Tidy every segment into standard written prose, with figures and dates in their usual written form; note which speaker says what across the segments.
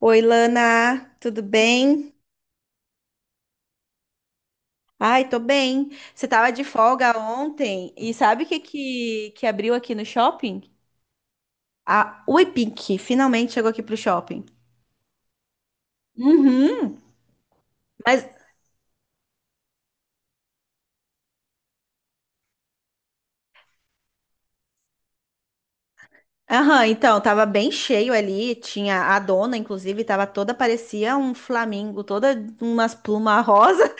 Speaker 1: Oi, Lana, tudo bem? Ai, tô bem. Você tava de folga ontem e sabe o que que abriu aqui no shopping? A Ui Pink finalmente chegou aqui pro shopping. Uhum. Mas, aham, então, tava bem cheio ali. Tinha a dona, inclusive, tava toda, parecia um flamingo, toda umas plumas rosa.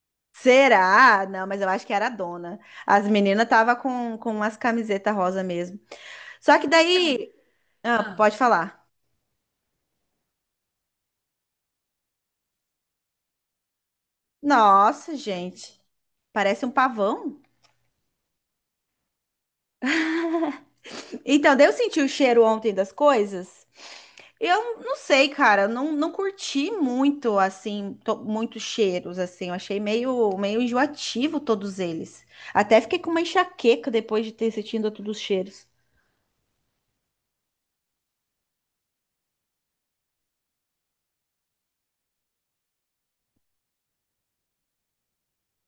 Speaker 1: Será? Não, mas eu acho que era a dona. As meninas tava com umas camisetas rosa mesmo. Só que daí. Ah, pode falar. Nossa, gente. Parece um pavão. Então, daí eu senti o cheiro ontem das coisas. Eu não sei, cara, não curti muito, assim, muitos cheiros, assim. Eu achei meio enjoativo todos eles. Até fiquei com uma enxaqueca depois de ter sentido todos os cheiros.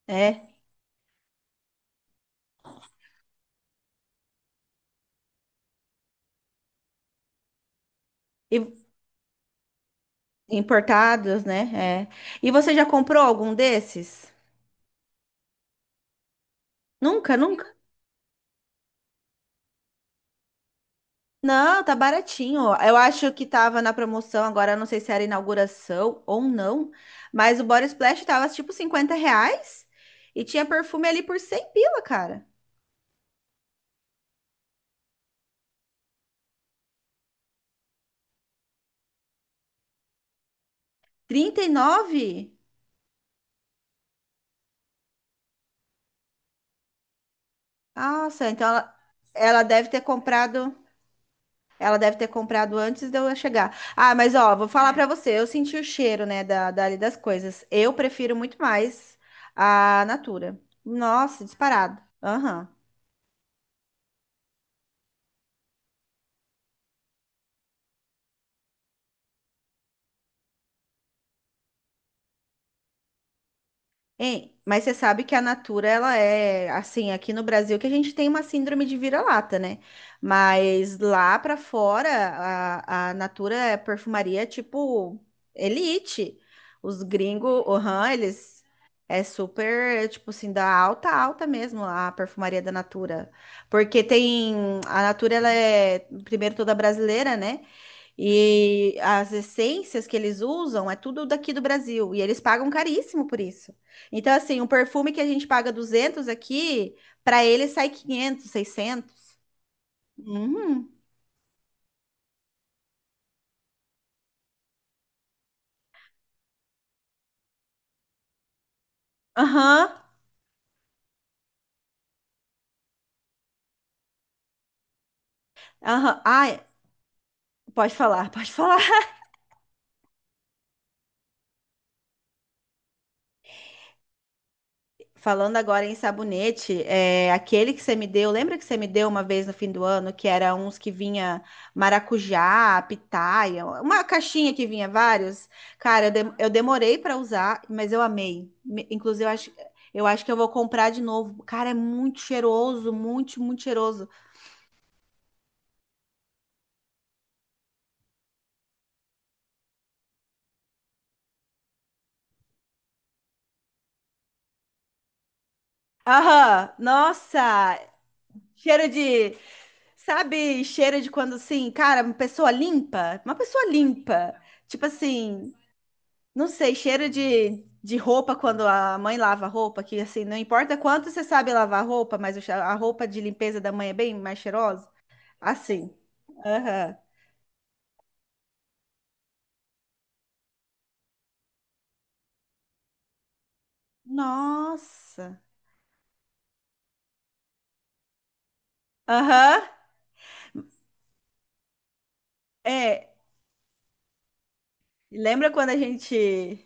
Speaker 1: É, e importados, né? É. E você já comprou algum desses? Nunca, nunca? Não, tá baratinho. Eu acho que tava na promoção, agora eu não sei se era inauguração ou não, mas o Body Splash tava tipo 50 reais e tinha perfume ali por 100 pila, cara. 39. Nossa, então ela, ela deve ter comprado, ela deve ter comprado antes de eu chegar. Ah, mas ó, vou falar pra você, eu senti o cheiro, né, dali das coisas. Eu prefiro muito mais a Natura. Nossa, disparado. Aham. Hein? Mas você sabe que a Natura, ela é assim, aqui no Brasil, que a gente tem uma síndrome de vira-lata, né? Mas lá pra fora, a Natura é perfumaria tipo elite. Os gringos, uhum, eles é super, tipo assim, da alta, alta mesmo a perfumaria da Natura. Porque tem, a Natura, ela é, primeiro, toda brasileira, né? E as essências que eles usam é tudo daqui do Brasil. E eles pagam caríssimo por isso. Então, assim, um perfume que a gente paga 200 aqui, para eles sai 500 600. Uhum. Aham. Aham. Ai, pode falar, pode falar. Falando agora em sabonete, é, aquele que você me deu, lembra que você me deu uma vez no fim do ano, que era uns que vinha maracujá, pitaia, uma caixinha que vinha vários? Cara, eu demorei para usar, mas eu amei. Inclusive, eu acho que eu vou comprar de novo. Cara, é muito cheiroso, muito, muito cheiroso. Aham, nossa, cheiro de, sabe, cheiro de quando assim, cara, uma pessoa limpa, uma pessoa limpa. Tipo assim, não sei, cheiro de roupa quando a mãe lava a roupa, que assim, não importa quanto você sabe lavar a roupa, mas o a roupa de limpeza da mãe é bem mais cheirosa. Assim. Aham. Nossa. Aham. É. Lembra quando a gente,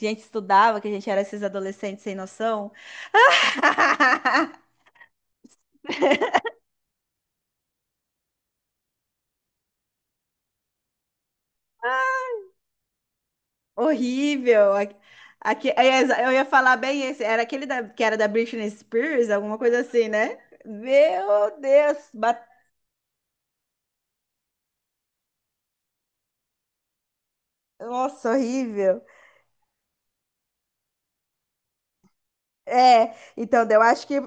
Speaker 1: a gente estudava, que a gente era esses adolescentes sem noção? Horrível. É, eu ia falar bem esse. Era aquele que era da Britney Spears, alguma coisa assim, né? Meu Deus. Nossa, horrível. É, então, daí eu acho que,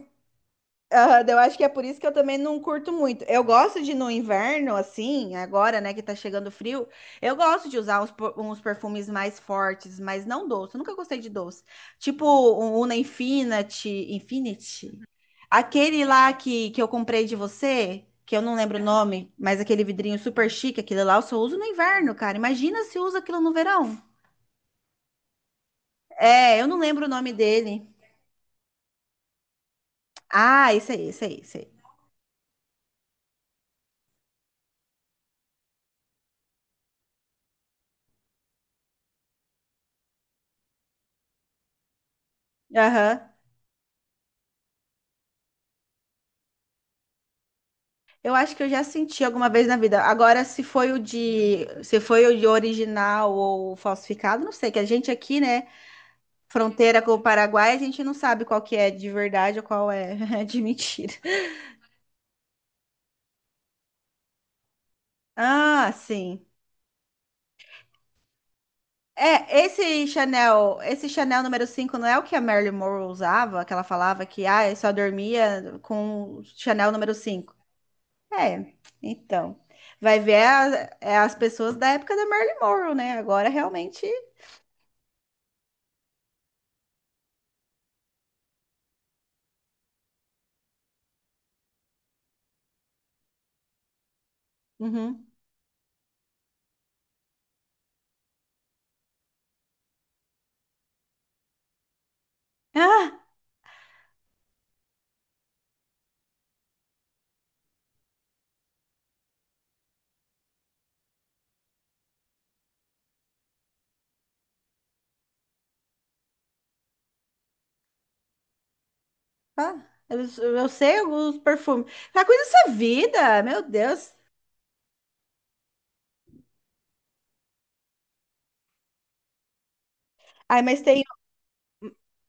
Speaker 1: ah, daí eu acho que é por isso que eu também não curto muito. Eu gosto de no inverno, assim, agora, né, que tá chegando frio, eu gosto de usar uns perfumes mais fortes, mas não doce. Eu nunca gostei de doce. Tipo o Una Infinity, Infinity. Aquele lá que eu comprei de você, que eu não lembro o nome, mas aquele vidrinho super chique, aquele lá eu só uso no inverno, cara. Imagina se usa aquilo no verão. É, eu não lembro o nome dele. Ah, esse aí, esse aí, esse aí. Aham. Eu acho que eu já senti alguma vez na vida. Agora, se foi o de original ou falsificado, não sei, que a gente aqui, né, fronteira com o Paraguai, a gente não sabe qual que é de verdade ou qual é de mentira. Ah, sim. É, esse Chanel número cinco não é o que a Marilyn Monroe usava, que ela falava que ah, eu só dormia com Chanel número cinco. É, então. Vai ver é as pessoas da época da Marilyn Monroe, né? Agora realmente. Uhum. Ah, eu, eu sei os perfumes. Ah, coisa dessa vida, meu Deus. Ai, mas tem,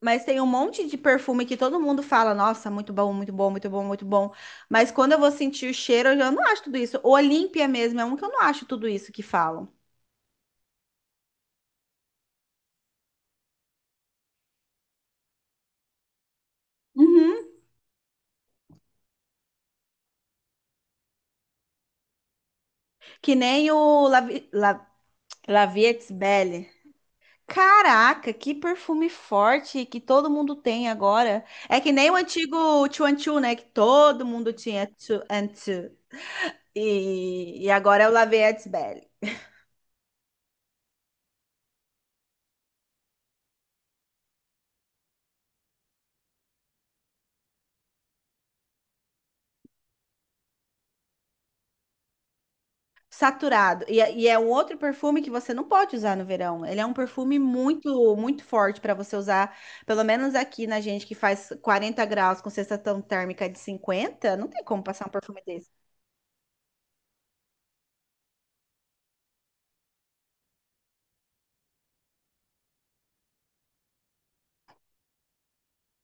Speaker 1: mas tem um monte de perfume que todo mundo fala, nossa, muito bom, muito bom, muito bom, muito bom. Mas quando eu vou sentir o cheiro, eu já não acho tudo isso. O Olímpia mesmo é um que eu não acho tudo isso que falam. Uhum. Que nem o La Vie Belle. Caraca, que perfume forte que todo mundo tem agora. É que nem o antigo Two and Two, né? Que todo mundo tinha Two and Two. E agora é o La Vie Belle. Saturado. E é um outro perfume que você não pode usar no verão. Ele é um perfume muito, muito forte para você usar. Pelo menos aqui na gente que faz 40 graus com sensação térmica de 50. Não tem como passar um perfume desse.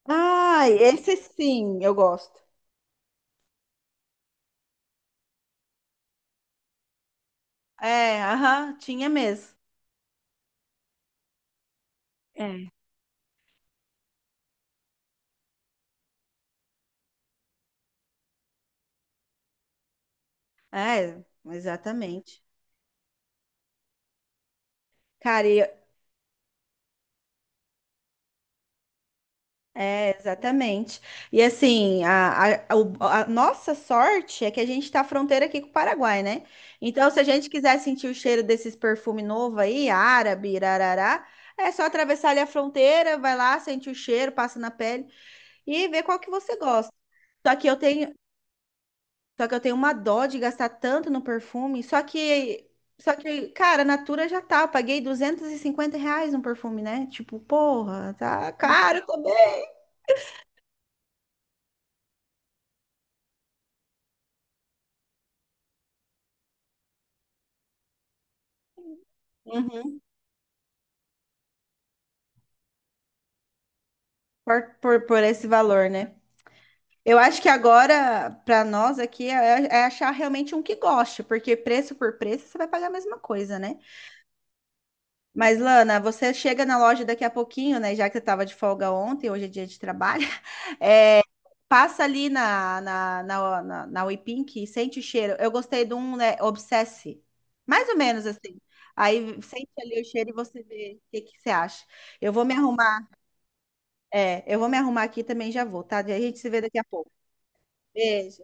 Speaker 1: Ai, esse sim, eu gosto. É, aham, tinha mesmo. É. É, exatamente. Cara, e. É, exatamente. E assim, a nossa sorte é que a gente está fronteira aqui com o Paraguai, né? Então, se a gente quiser sentir o cheiro desses perfumes novos aí, árabe, irarará, é só atravessar ali a fronteira, vai lá, sente o cheiro, passa na pele e vê qual que você gosta. Só que eu tenho, só que eu tenho uma dó de gastar tanto no perfume, só que, cara, a Natura já tá, eu paguei 250 reais no perfume, né? Tipo, porra, tá caro também. Uhum. Por esse valor, né? Eu acho que agora, para nós aqui, é achar realmente um que goste, porque preço por preço você vai pagar a mesma coisa, né? Mas, Lana, você chega na loja daqui a pouquinho, né? Já que você estava de folga ontem, hoje é dia de trabalho, é, passa ali na Weepink e sente o cheiro. Eu gostei de um, né? Obsesse. Mais ou menos assim. Aí sente ali o cheiro e você vê o que que você acha. Eu vou me arrumar, é, eu vou me arrumar aqui e também já vou, tá? A gente se vê daqui a pouco. Beijo.